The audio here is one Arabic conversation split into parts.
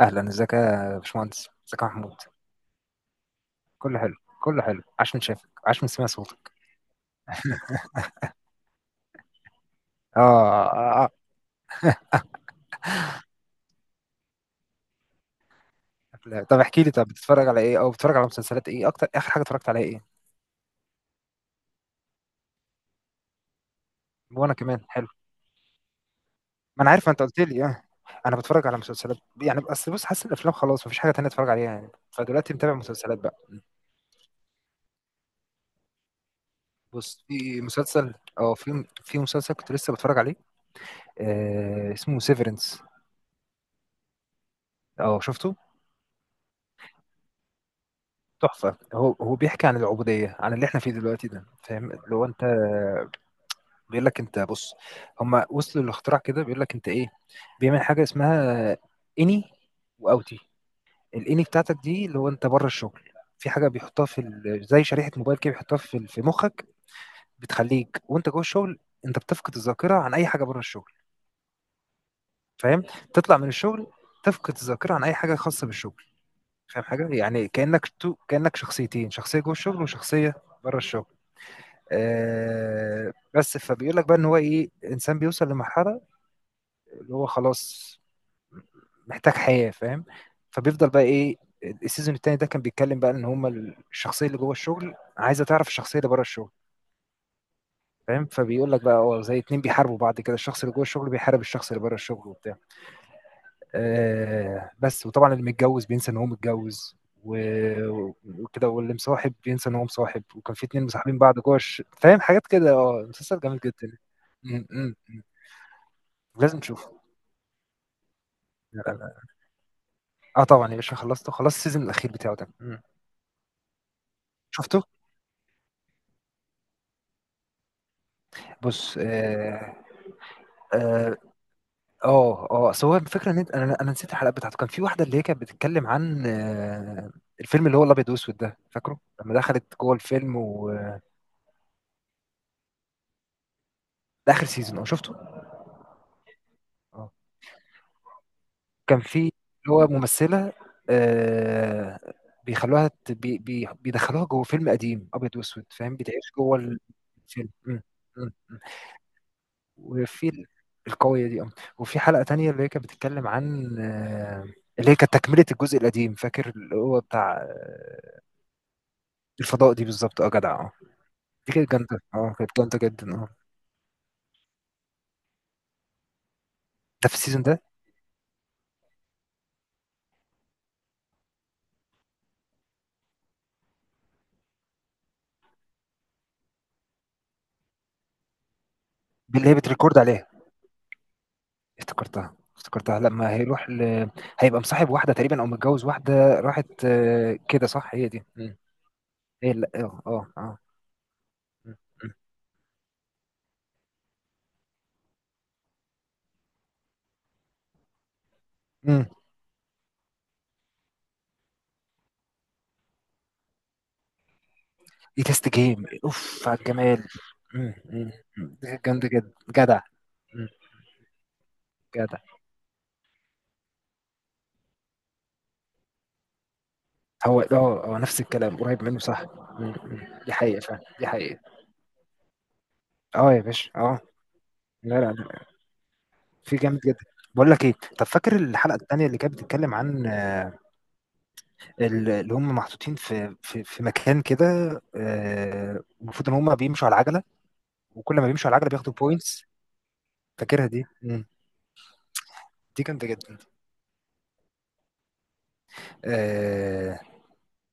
اهلا، ازيك يا باشمهندس. ازيك يا محمود. كله حلو، كله حلو. عاش من شافك، عاش من سمع صوتك. اه، آه. آه. لا، طب احكي لي، طب بتتفرج على ايه؟ او بتتفرج على مسلسلات ايه اكتر؟ اخر حاجه اتفرجت عليها ايه؟ وانا كمان، حلو. ما انا عارف، ما انت قلت لي، اه. انا بتفرج على مسلسلات يعني، اصل بص، حاسس الافلام خلاص مفيش حاجه تانية اتفرج عليها يعني، فدلوقتي متابع مسلسلات بقى. بص، في مسلسل، في مسلسل كنت لسه بتفرج عليه. اسمه سيفرنس. اه، شفته. تحفه. هو بيحكي عن العبوديه، عن اللي احنا فيه دلوقتي ده، فاهم لو انت؟ بيقول لك انت، بص، هم وصلوا للاختراع كده، بيقول لك انت ايه، بيعمل حاجه اسمها اني واوتي. الاني بتاعتك دي اللي هو انت بره الشغل. في حاجه بيحطها زي شريحه موبايل كده، بيحطها في مخك. بتخليك وانت جوه الشغل، انت بتفقد الذاكره عن اي حاجه بره الشغل، فاهم؟ تطلع من الشغل، تفقد الذاكره عن اي حاجه خاصه بالشغل، فاهم حاجه؟ يعني كانك شخصيتين، شخصيه جوه الشغل وشخصيه بره الشغل. بس فبيقول لك بقى، ان هو ايه، انسان بيوصل لمرحله اللي هو خلاص محتاج حياه، فاهم. فبيفضل بقى ايه، السيزون التاني ده كان بيتكلم بقى، ان هما الشخصيه اللي جوه الشغل عايزه تعرف الشخصيه اللي بره الشغل، فاهم. فبيقول لك بقى، زي اتنين بيحاربوا بعض كده، الشخص اللي جوه الشغل بيحارب الشخص اللي بره الشغل، وبتاع. بس، وطبعا اللي متجوز بينسى ان هو متجوز، و- وكده، واللي مصاحب بينسى ان هو مصاحب. وكان في اتنين مصاحبين بعض فاهم حاجات كده. اه مسلسل جامد جدا م- م- م. لازم تشوفه. لا- لا- لا. اه، طبعا يا باشا، خلصته، خلصت السيزون الاخير بتاعه ده. شفته. بص، اه اصل هو الفكره ان انا نسيت الحلقه بتاعته. كان في واحده اللي هي كانت بتتكلم عن الفيلم اللي هو الابيض واسود ده، فاكره لما دخلت جوه الفيلم و ده اخر سيزون، اه، شفته. اه كان في اللي هو ممثله آه، بيخلوها ت- بي بي بيدخلوها جوه فيلم قديم ابيض واسود، فاهم، بتعيش جوه الفيلم م- م- م. وفي القوية دي، وفي حلقة تانية اللي هي كانت بتتكلم عن اللي هي كانت تكملة الجزء القديم، فاكر، اللي هو بتاع الفضاء دي، بالظبط جدع دي كانت جامدة كانت جامدة جدا ده في السيزون ده. اللي هي بتريكورد عليها. افتكرتها، افتكرتها لما هيبقى مصاحب واحدة تقريبا، او متجوز واحدة، راحت، كده صح، هي دي. هي، لا، اه، اه، اه مم. مم. دي تيست جيم اوف على الجمال مم. مم. دي كانت جامدة جدا. جدع مم. جدع. هو نفس الكلام، قريب منه، صح؟ إمم، إمم، دي حقيقة فعلًا، دي حقيقة. آه يا باشا، آه. لا، لا، لأ. في جامد جدًا. باقول لك إيه، طَب، فاكر الحلقة التانية اللي كانت بتتكلم عن اللي هم محطوطين في مكان كده. المفروض إن هم بيمشوا على العَجَلة، وكل ما بيمشوا على العَجَلة بياخدوا points. فاكرها دي؟ دي جامدة جدًا. آآ،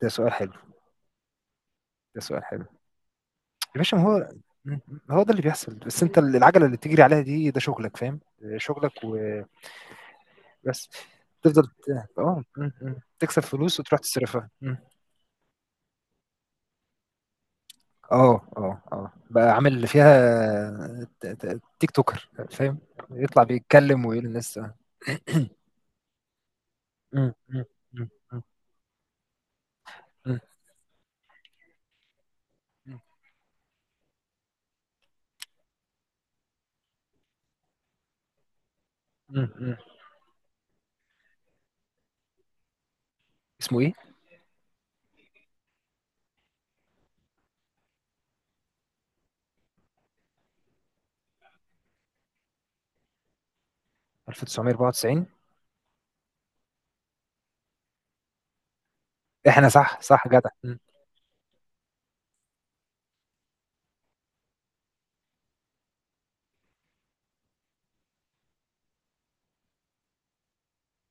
ده سؤال حلو، ده سؤال حلو. يا باشا، ما هو، إمم، إمم، هو ده اللي بيحصل، بس أنت العَجَلة اللي بتجري عليها دي، ده شغلك، فاهم، شغلك، و بس تفضل ت- اه م- م. تكسب فلوس، وتروح تصرفها. اه، اه، اه، بقى عامل فيها تيك توكر، فاهم. يطلع بيتكلم ويقول للناس. م- م- م- م- م- م- م- م. اسمه ايه؟ 1994. احنا، صح، صح، جدع.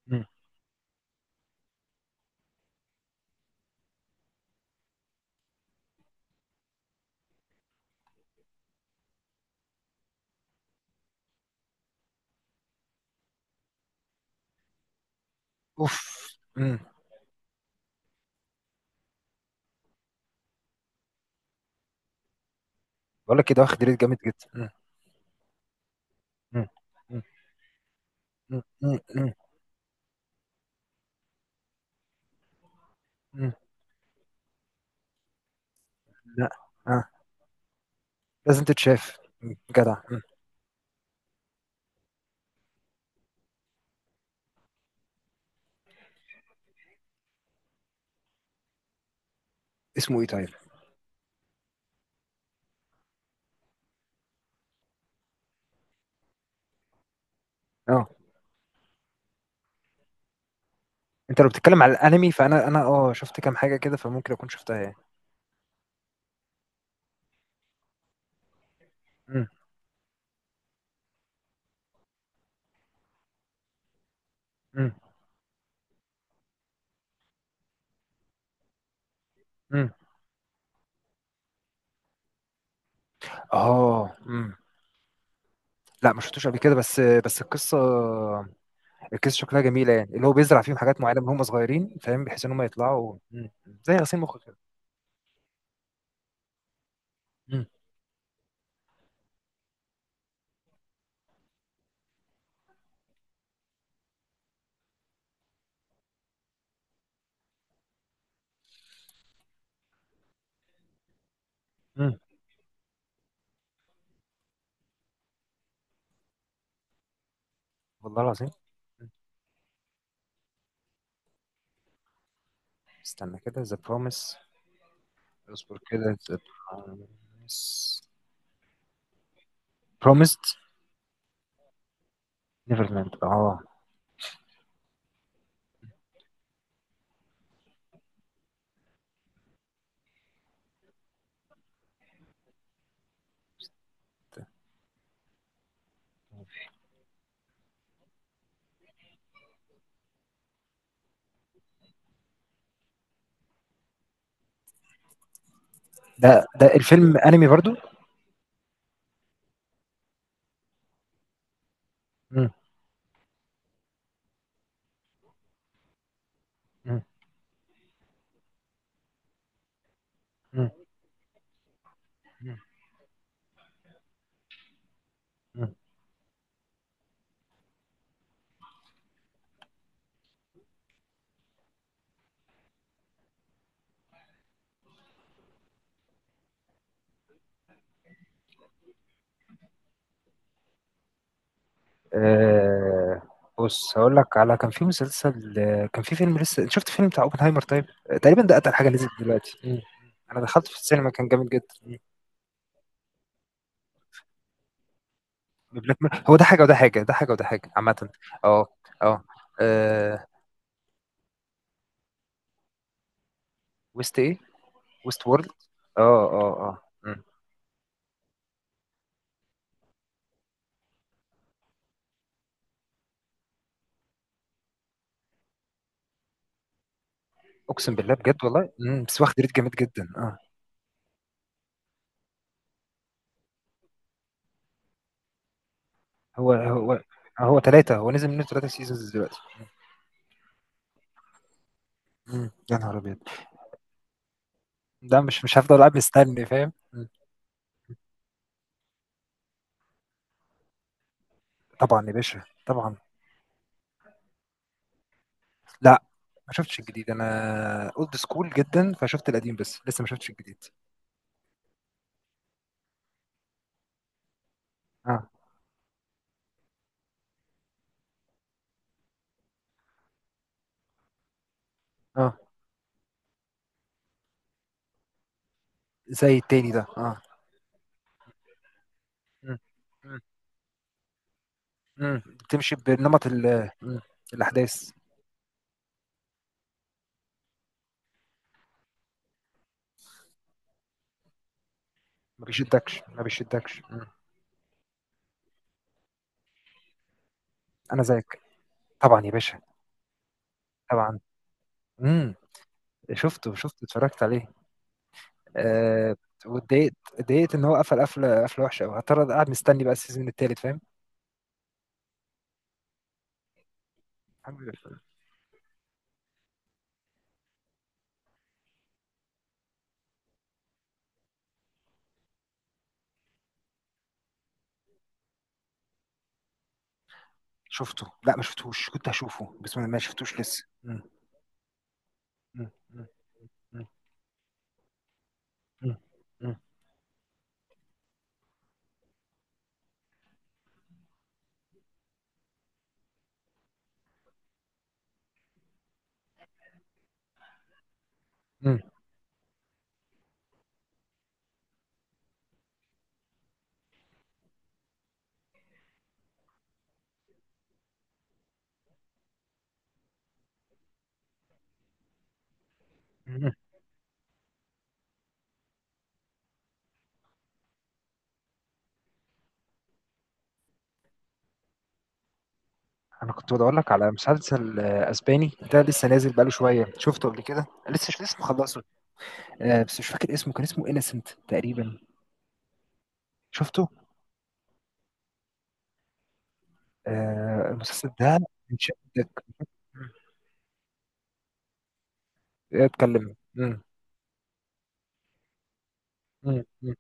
م. اوف م. بقول لك كده، واخد ريت جامد جدا. م. م. م. م. م. لا، آه. لازم تتشاف. جدع. اسمه ايه طيب، اه؟ انت لو بتتكلم على الانمي، فانا انا اه شفت كام حاجه كده، فممكن اكون شفتها يعني. امم. امم. امم. اه. امم. لا، ما شفتوش قبل كده، بس القصه، القصه شكلها جميله يعني، اللي هو بيزرع فيهم حاجات معينه من هم صغيرين، فاهم، بحيث ان هم يطلعوا. زي غسيل مخ كده. امم. امم. والله العظيم مم. استنى كده، ذا بروميس. اصبر كده، ذا بروميس. بروميسد نيفرلاند، اه. ده الفيلم انمي برضو؟ امم. امم. امم. آه. بص، هقول لك على، كان في مسلسل كان في فيلم. لسه شفت فيلم بتاع اوبنهايمر؟ طيب. تقريبا ده اتقل حاجه نزلت دلوقتي. انا دخلت في السينما، كان جامد جدا. هو ده حاجه وده حاجه، ده حاجه وده حاجه عامه. اه. اه. آه، ويست ايه؟ ويست وورلد اه اه اه مم. اقسم بالله، بجد والله، بس واخد ريت جامد جدا هو هو هو ثلاثه، هو نزل منه ثلاثه سيزونز دلوقتي. يا نهار ابيض. ده مش هفضل قاعد مستني، فاهم. طبعا يا باشا، طبعا. لا، ما شفتش الجديد، انا اولد سكول جدا، فشفت القديم بس لسه ما شفتش الجديد. اه، اه، زي التاني ده، اه. مم. مم. بتمشي بنمط. الاحداث، ما بيشدكش، ما بيشدكش. انا زيك، طبعا يا باشا، طبعا. امم. شفته، شفته، اتفرجت عليه. آه واتضايقت، اتضايقت ان هو قفل قفله، قفله وحشه قوي. هضطر قاعد مستني بقى السيزون التالت، فاهم. الحمد لله. شفته؟ لا، ما شفتهوش، كنت هشوفه بس ما شفتوش لسه. مم. مم. مم. مم. مم. مم. انا كنت بقول لك على مسلسل اسباني، ده لسه نازل بقاله شويه، شفته قبل كده، لسه مش، لسه مخلصه. بس مش فاكر اسمه، كان اسمه انسنت تقريبا. شفته؟ المسلسل ده. من شدك مم. اتكلم مم. مم.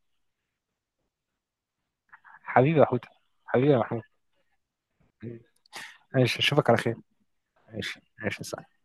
حبيبي يا حوت. حبيبي يا محمود. ماشي، اشوفك على خير. ماشي، ماشي، صح.